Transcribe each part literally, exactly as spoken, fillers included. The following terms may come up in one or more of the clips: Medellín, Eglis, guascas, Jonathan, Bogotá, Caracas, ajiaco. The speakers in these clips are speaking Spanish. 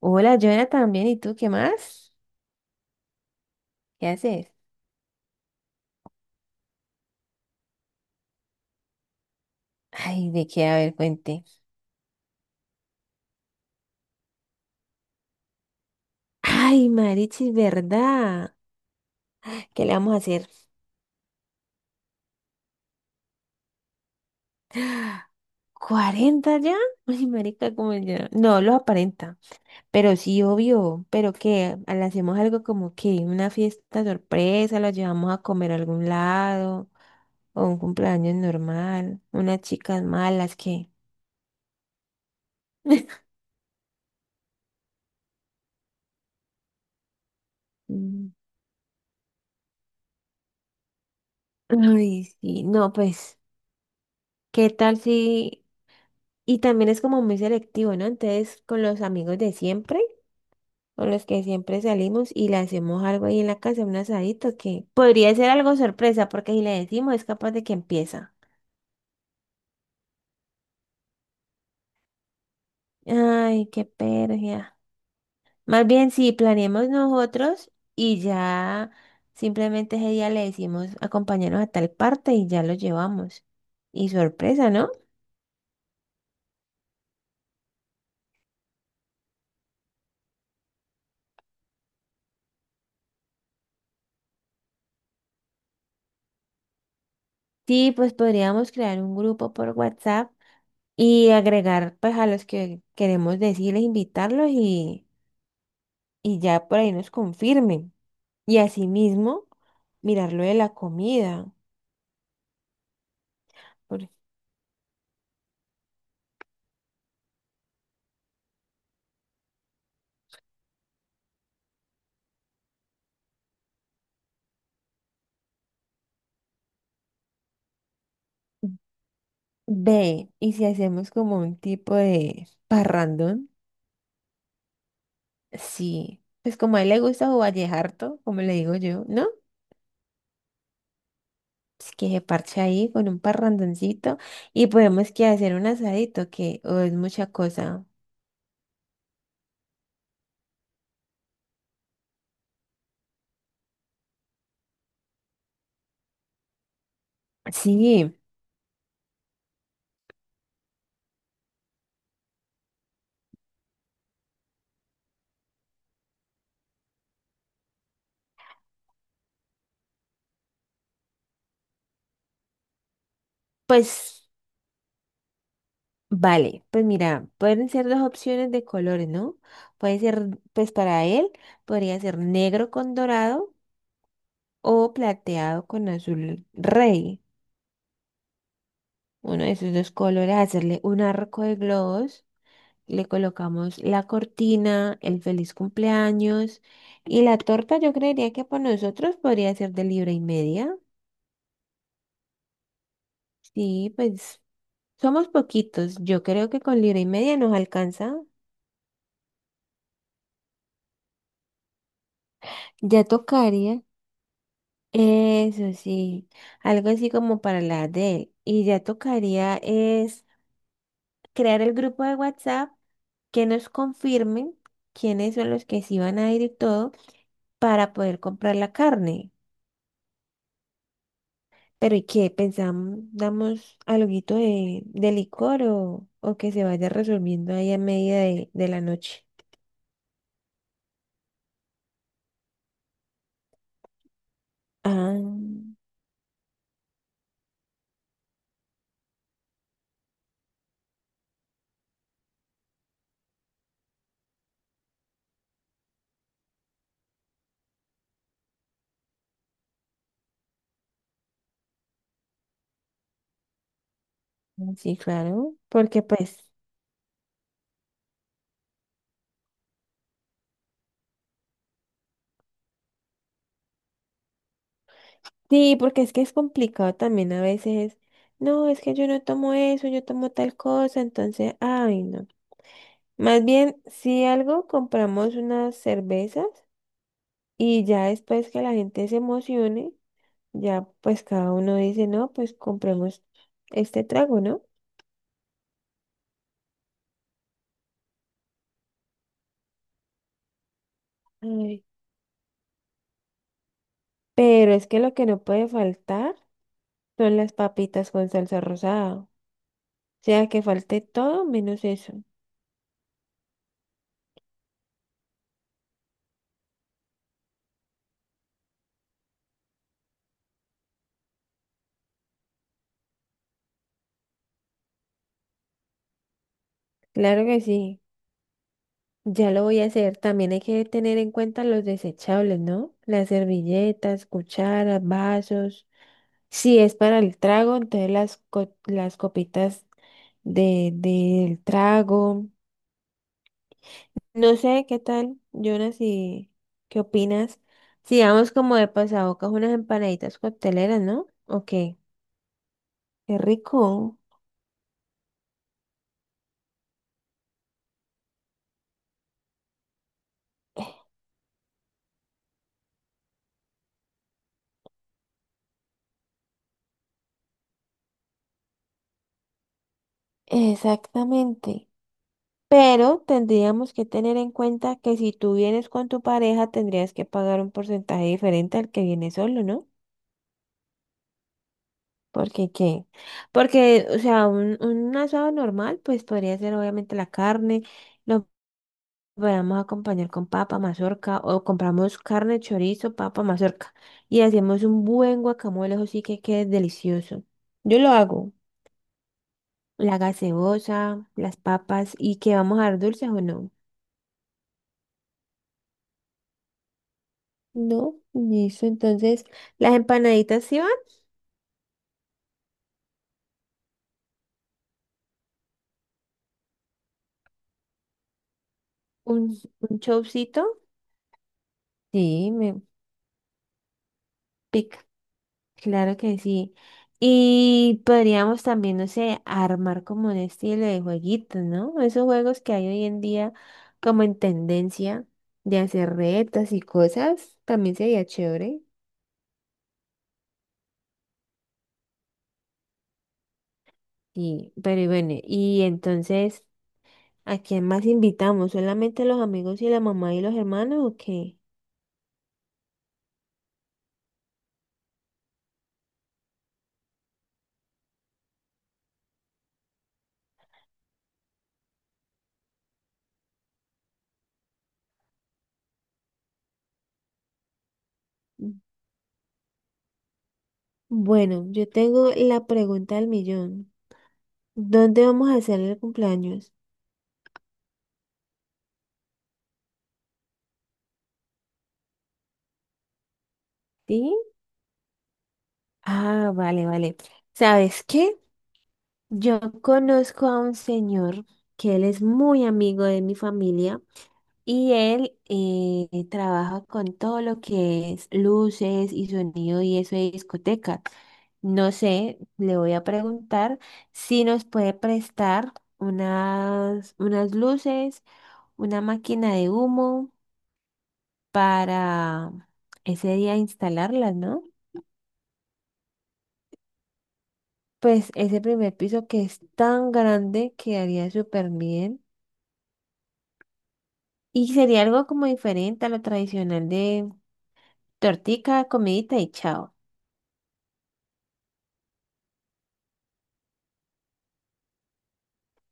Hola, Joana, también. ¿Y tú qué más? ¿Qué haces? Ay, ¿de qué? A ver, cuente. Ay, Marichis, ¿verdad? ¿Qué le vamos a hacer? ¿cuarenta ya? Ay, marica, como ya. No, lo aparenta. Pero sí, obvio. ¿Pero qué? ¿A- ¿Le hacemos algo como que una fiesta sorpresa? ¿Lo llevamos a comer a algún lado? ¿O un cumpleaños normal? ¿Unas chicas malas? ¿Qué? Mm. Ay, sí. No, pues, ¿qué tal si...? Y también es como muy selectivo, ¿no? Entonces, con los amigos de siempre, con los que siempre salimos y le hacemos algo ahí en la casa, un asadito, que podría ser algo sorpresa, porque si le decimos es capaz de que empieza. Ay, qué pérdida. Más bien, si planeamos nosotros y ya simplemente ese día le decimos acompañarnos a tal parte y ya lo llevamos. Y sorpresa, ¿no? Sí, pues podríamos crear un grupo por WhatsApp y agregar pues a los que queremos decirles, invitarlos y, y ya por ahí nos confirmen. Y asimismo, mirar lo de la comida. por- Ve, y si hacemos como un tipo de parrandón, sí, pues como a él le gusta o vallejarto, como le digo yo, ¿no? Pues que se parche ahí con un parrandoncito y podemos que hacer un asadito, que o es mucha cosa. Sí, pues. Vale, pues mira, pueden ser dos opciones de colores, ¿no? Puede ser, pues para él, podría ser negro con dorado o plateado con azul rey. Uno de esos dos colores, hacerle un arco de globos, le colocamos la cortina, el feliz cumpleaños y la torta yo creería que para nosotros podría ser de libra y media. Sí, pues somos poquitos, yo creo que con libra y media nos alcanza. Ya tocaría. Eso sí, algo así como para la de él. Y ya tocaría es crear el grupo de WhatsApp que nos confirmen quiénes son los que sí van a ir y todo para poder comprar la carne. Pero ¿y qué? ¿Pensamos, damos alguito de, de licor o, o que se vaya resolviendo ahí a medida de, de la noche? Ah, sí, claro, porque pues... Sí, porque es que es complicado también a veces. No, es que yo no tomo eso, yo tomo tal cosa, entonces, ay, no. Más bien, si algo, compramos unas cervezas y ya después que la gente se emocione, ya pues cada uno dice, no, pues compremos este trago, ¿no? Ay, pero es que lo que no puede faltar son las papitas con salsa rosada. O sea, que falte todo menos eso. Claro que sí. Ya lo voy a hacer. También hay que tener en cuenta los desechables, ¿no? Las servilletas, cucharas, vasos. Si es para el trago, entonces las, co- las copitas de, del trago. No sé qué tal, Jonas, y qué opinas. Si vamos como de pasabocas unas empanaditas cocteleras, ¿no? Ok, qué rico. Exactamente. Pero tendríamos que tener en cuenta que si tú vienes con tu pareja, tendrías que pagar un porcentaje diferente al que viene solo, ¿no? ¿Porque qué? Porque, o sea, un, un asado normal, pues podría ser obviamente la carne, lo podemos acompañar con papa, mazorca, o compramos carne, chorizo, papa, mazorca, y hacemos un buen guacamole, ¿o sí que quede delicioso? Yo lo hago, la gaseosa, las papas, y que vamos a dar dulces o no. No, listo. Entonces, las empanaditas sí van, un, un chopsito. Sí, me pica. Claro que sí. Y podríamos también, no sé, armar como un estilo de jueguito, ¿no? Esos juegos que hay hoy en día como en tendencia de hacer retas y cosas, también sería chévere. Sí, pero y bueno, y entonces, ¿a quién más invitamos? ¿Solamente los amigos y la mamá y los hermanos o qué? Bueno, yo tengo la pregunta del millón. ¿Dónde vamos a hacer el cumpleaños? ¿Sí? Ah, vale, vale. ¿Sabes qué? Yo conozco a un señor que él es muy amigo de mi familia y él eh, trabaja con todo lo que es luces y sonido y eso de discoteca. No sé, le voy a preguntar si nos puede prestar unas, unas luces, una máquina de humo para ese día instalarlas, ¿no? Pues ese primer piso que es tan grande quedaría súper bien. Y sería algo como diferente a lo tradicional de tortica, comidita y chao.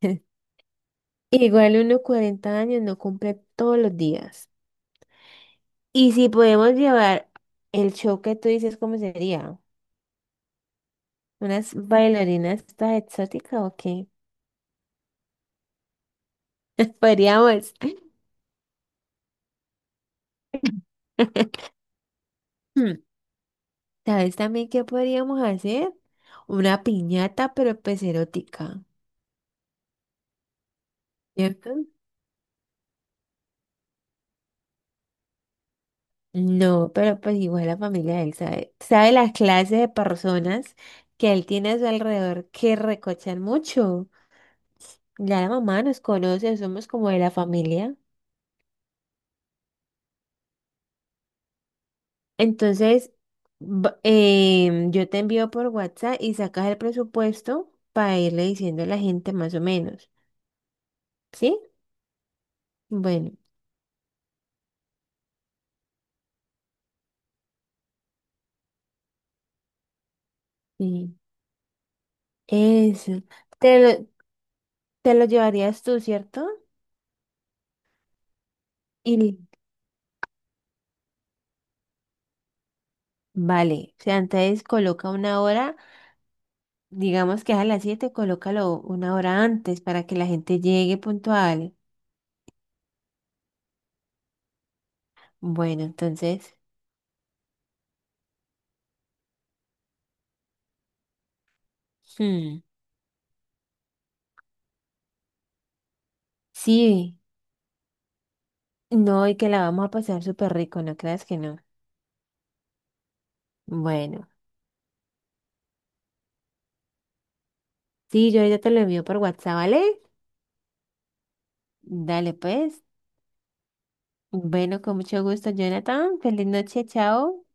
Igual uno cuarenta años no cumple todos los días. Y si podemos llevar el show que tú dices, ¿cómo sería? ¿Unas bailarinas estas exóticas o qué? Podríamos. ¿Sabes también qué podríamos hacer? Una piñata, pero pues erótica, ¿cierto? No, pero pues igual la familia de él sabe, sabe las clases de personas que él tiene a su alrededor que recochan mucho. Ya la mamá nos conoce, somos como de la familia. Entonces, b- eh, yo te envío por WhatsApp y sacas el presupuesto para irle diciendo a la gente más o menos, ¿sí? Bueno, sí. Eso. te lo, ¿Te lo llevarías tú, cierto? Y vale, o sea, entonces coloca una hora, digamos que es a las siete, colócalo una hora antes para que la gente llegue puntual. Bueno, entonces, hmm, sí, no, y que la vamos a pasar súper rico, no creas que no. Bueno, sí, yo ya te lo envío por WhatsApp, ¿vale? Dale pues. Bueno, con mucho gusto, Jonathan. Feliz noche, chao.